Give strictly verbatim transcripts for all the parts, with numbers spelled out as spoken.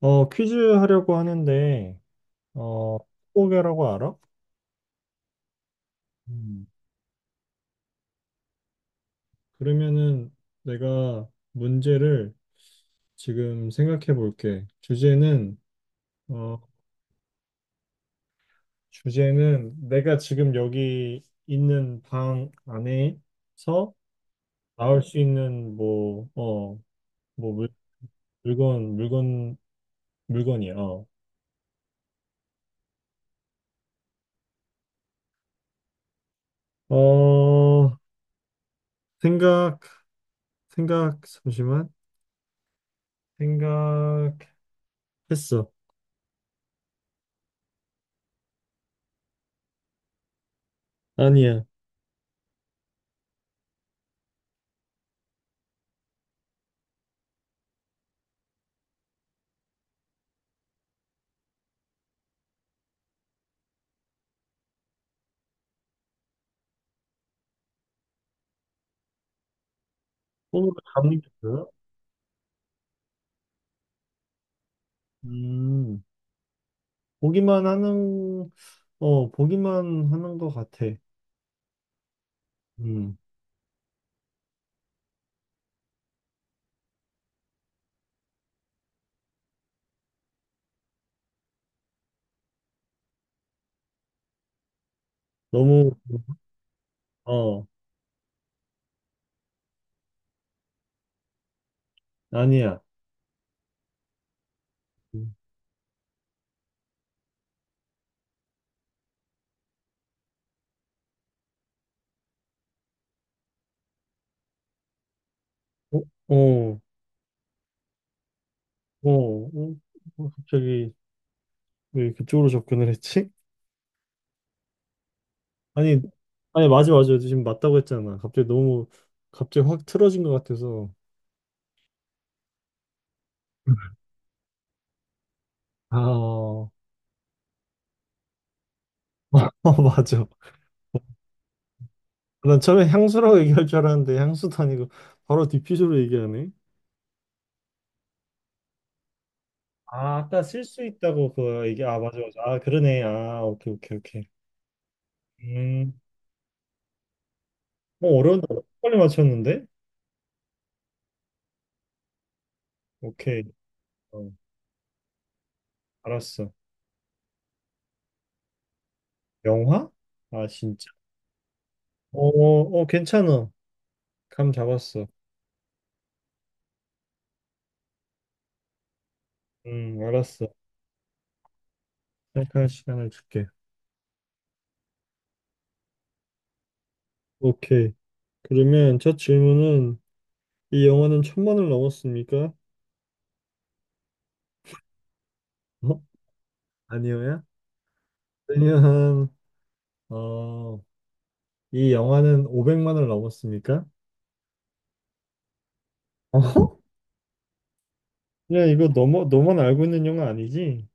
어, 퀴즈 하려고 하는데, 어, 스무고개라고 알아? 음. 그러면은 내가 문제를 지금 생각해 볼게. 주제는, 어, 주제는 내가 지금 여기 있는 방 안에서 나올 수 있는 뭐, 어, 뭐 물, 물건, 물건, 물건이야. 어, 어, 생각, 생각, 잠시만. 생각했어. 아니야. 손으로 잡는 게 뭐야? 음, 보기만 하는, 어, 보기만 하는 것 같아. 음, 너무, 어, 아니야. 음, 어, 어, 어, 어, 어, 갑자기 왜 그쪽으로 접근을 했지? 아니, 아니, 맞아, 맞아. 지금 맞다고 했잖아. 갑자기 너무, 갑자기 확 틀어진 것 같아서. 아, 어, 어, 맞아. 난 처음에 향수라고 얘기할 줄 알았는데, 향수도 아니고, 바로 디퓨저로 얘기하네. 아, 아까 쓸 수 있다고 그거 얘기, 아, 맞아, 맞아. 아, 그러네. 아, 오케이, 오케이, 오케이. 음, 어, 어려운데 빨리 맞췄는데? 오케이, 어, 알았어. 영화? 아, 진짜? 어, 어, 괜찮아. 감 잡았어. 음, 알았어. 생각할 시간을 줄게. 오케이. 그러면 첫 질문은 이 영화는 천만을 넘었습니까? 어? 아니요야? 그냥 어, 이 영화는 오백만을 넘었습니까? 어? 그냥 이거 너무 너만 알고 있는 영화 아니지?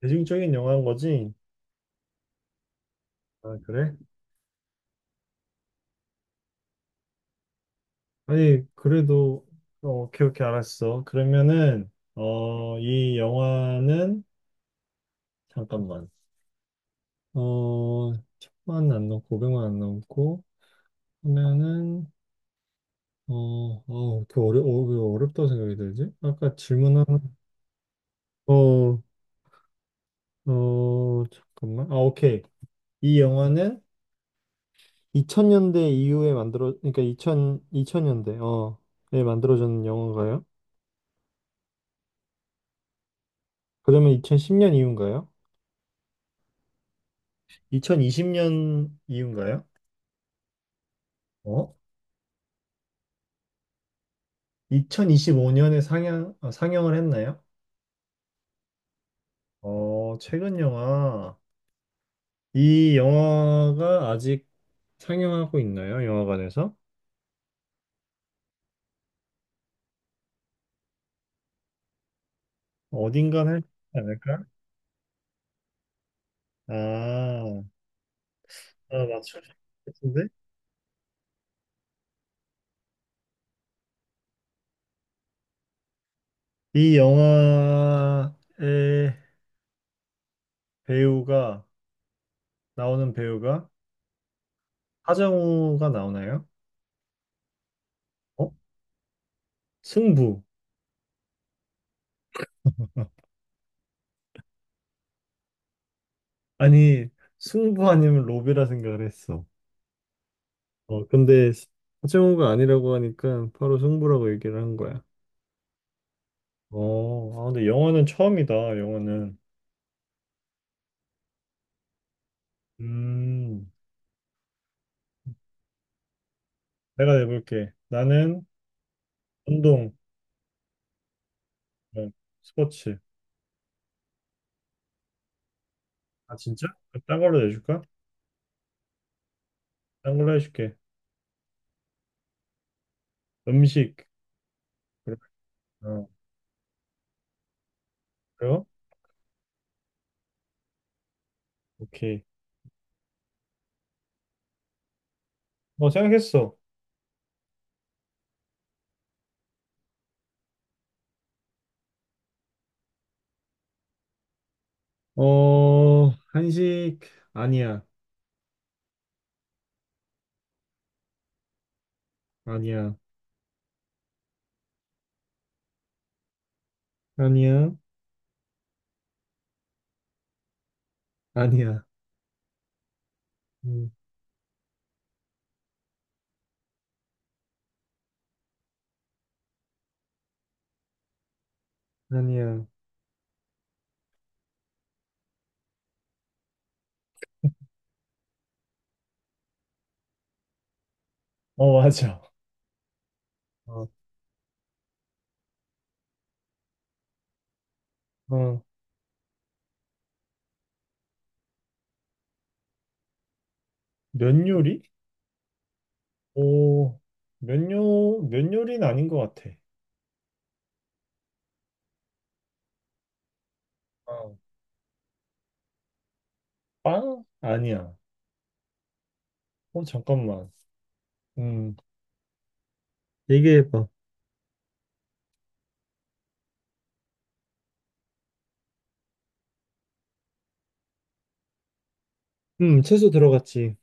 대중적인 영화인 거지? 아, 그래? 아니, 그래도, 어, 오케이, 오케이, 알았어. 그러면은, 어, 이 영화는, 잠깐만, 어, 천만 안 넘고, 오백만 안 넘고, 하면은, 어, 어, 그 어려, 어, 왜 어렵다고 생각이 들지? 아까 질문 하나, 어, 어, 잠깐만. 아, 오케이. 이 영화는 이천 년대 이후에 만들어, 그러니까 이천, 년대 어, 에 만들어진 영화인가요? 그러면 이천십 년 이후인가요? 이천이십 년 이후인가요? 어? 이천이십오 년에 상영, 아, 상영을 했나요? 어, 최근 영화. 이 영화가 아직 상영하고 있나요? 영화관에서? 어딘가는 할수 있지 않을까? 아, 아 맞출 수 있겠는데? 이 영화의 배우가, 나오는 배우가 하정우가 나오나요? 어? 승부. 아니, 승부 아니면 로비라 생각을 했어. 어, 근데 하정우가 아니라고 하니까 바로 승부라고 얘기를 한 거야. 어, 아, 근데 영어는 처음이다, 영어는. 음, 내가 내볼게. 나는 운동, 어, 스포츠. 아, 진짜? 그럼 딴 걸로 내줄까? 딴 걸로 해줄게. 음식. 그래. 어, 그래요? 오케이. 어, 생각했어. 어, 한식, 아니야. 아니야. 아니야. 아니야. 음, 아니야. 어, 맞아. 어, 어. 면 요리? 오, 면 요, 면 요리는 아닌 것 같아. 어. 빵? 아니야. 어, 잠깐만. 음, 얘기해봐. 음, 채소 들어갔지.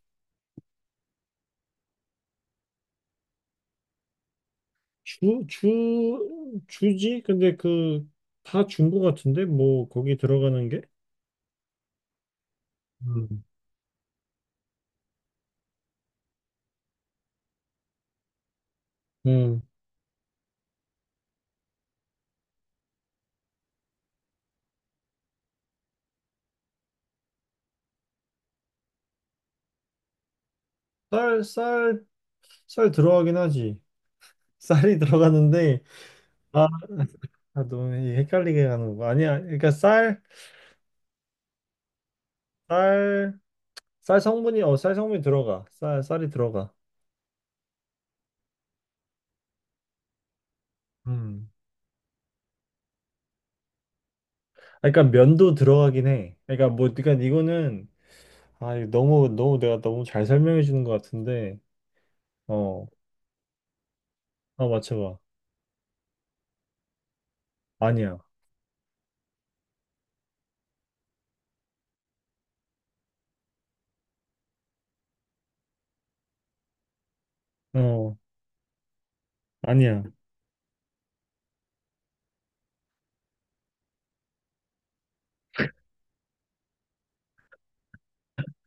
주, 주, 주지? 근데 그, 다 준 거 같은데? 뭐, 거기 들어가는 게? 음, 음. 쌀, 쌀, 쌀 들어가긴 하지. 쌀이 들어가는데, 아, 아, 너무 헷갈리게 가는 거. 아니야. 그러니까 쌀, 쌀, 쌀 성분이, 어, 쌀 성분이 들어가. 쌀, 쌀이 들어가. 음. 아, 그러니까 면도 들어가긴 해. 그러니까 뭐, 그러니까 이거는 아, 이거 너무, 너무 내가 너무 잘 설명해 주는 것 같은데, 어, 아, 맞춰봐. 아니야. 어, 아니야.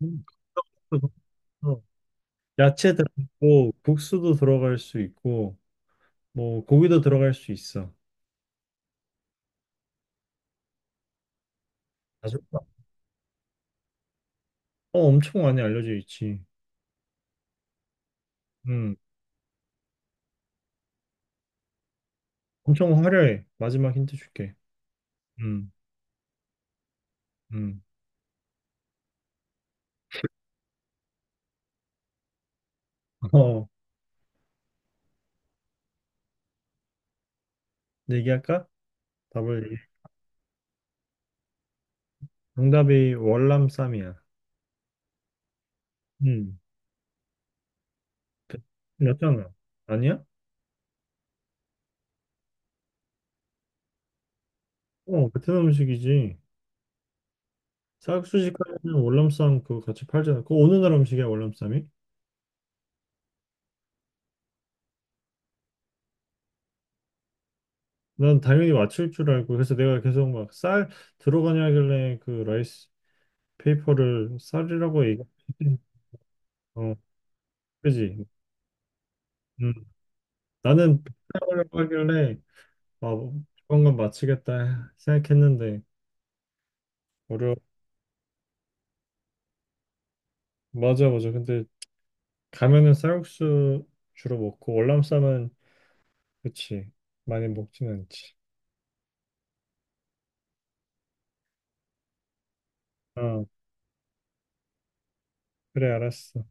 음, 어. 야채 들어있고, 국수도 들어갈 수 있고, 뭐, 고기도 들어갈 수 있어. 아주, 어, 엄청 많이 알려져 있지. 음, 엄청 화려해. 마지막 힌트 줄게. 음, 음. 어, 얘기할까? 답을. 얘기해. 정답이 월남쌈이야. 음, 베트남잖아 아니야? 어, 베트남 음식이지. 싹수식 하면 월남쌈 그거 같이 팔잖아. 그거 어느 나라 음식이야, 월남쌈이? 난 당연히 맞출 줄 알고 그래서 내가 계속 막 쌀 들어가냐 하길래 그 라이스 페이퍼를 쌀이라고 얘기 어, 그지? 음. 나는 쌀이라고 하길래 아, 조만간 맞히겠다 생각했는데 어려 맞아 맞아. 근데 가면은 쌀국수 주로 먹고 월남쌈은 그치 많이 먹진 않지. 어, 그래 알았어.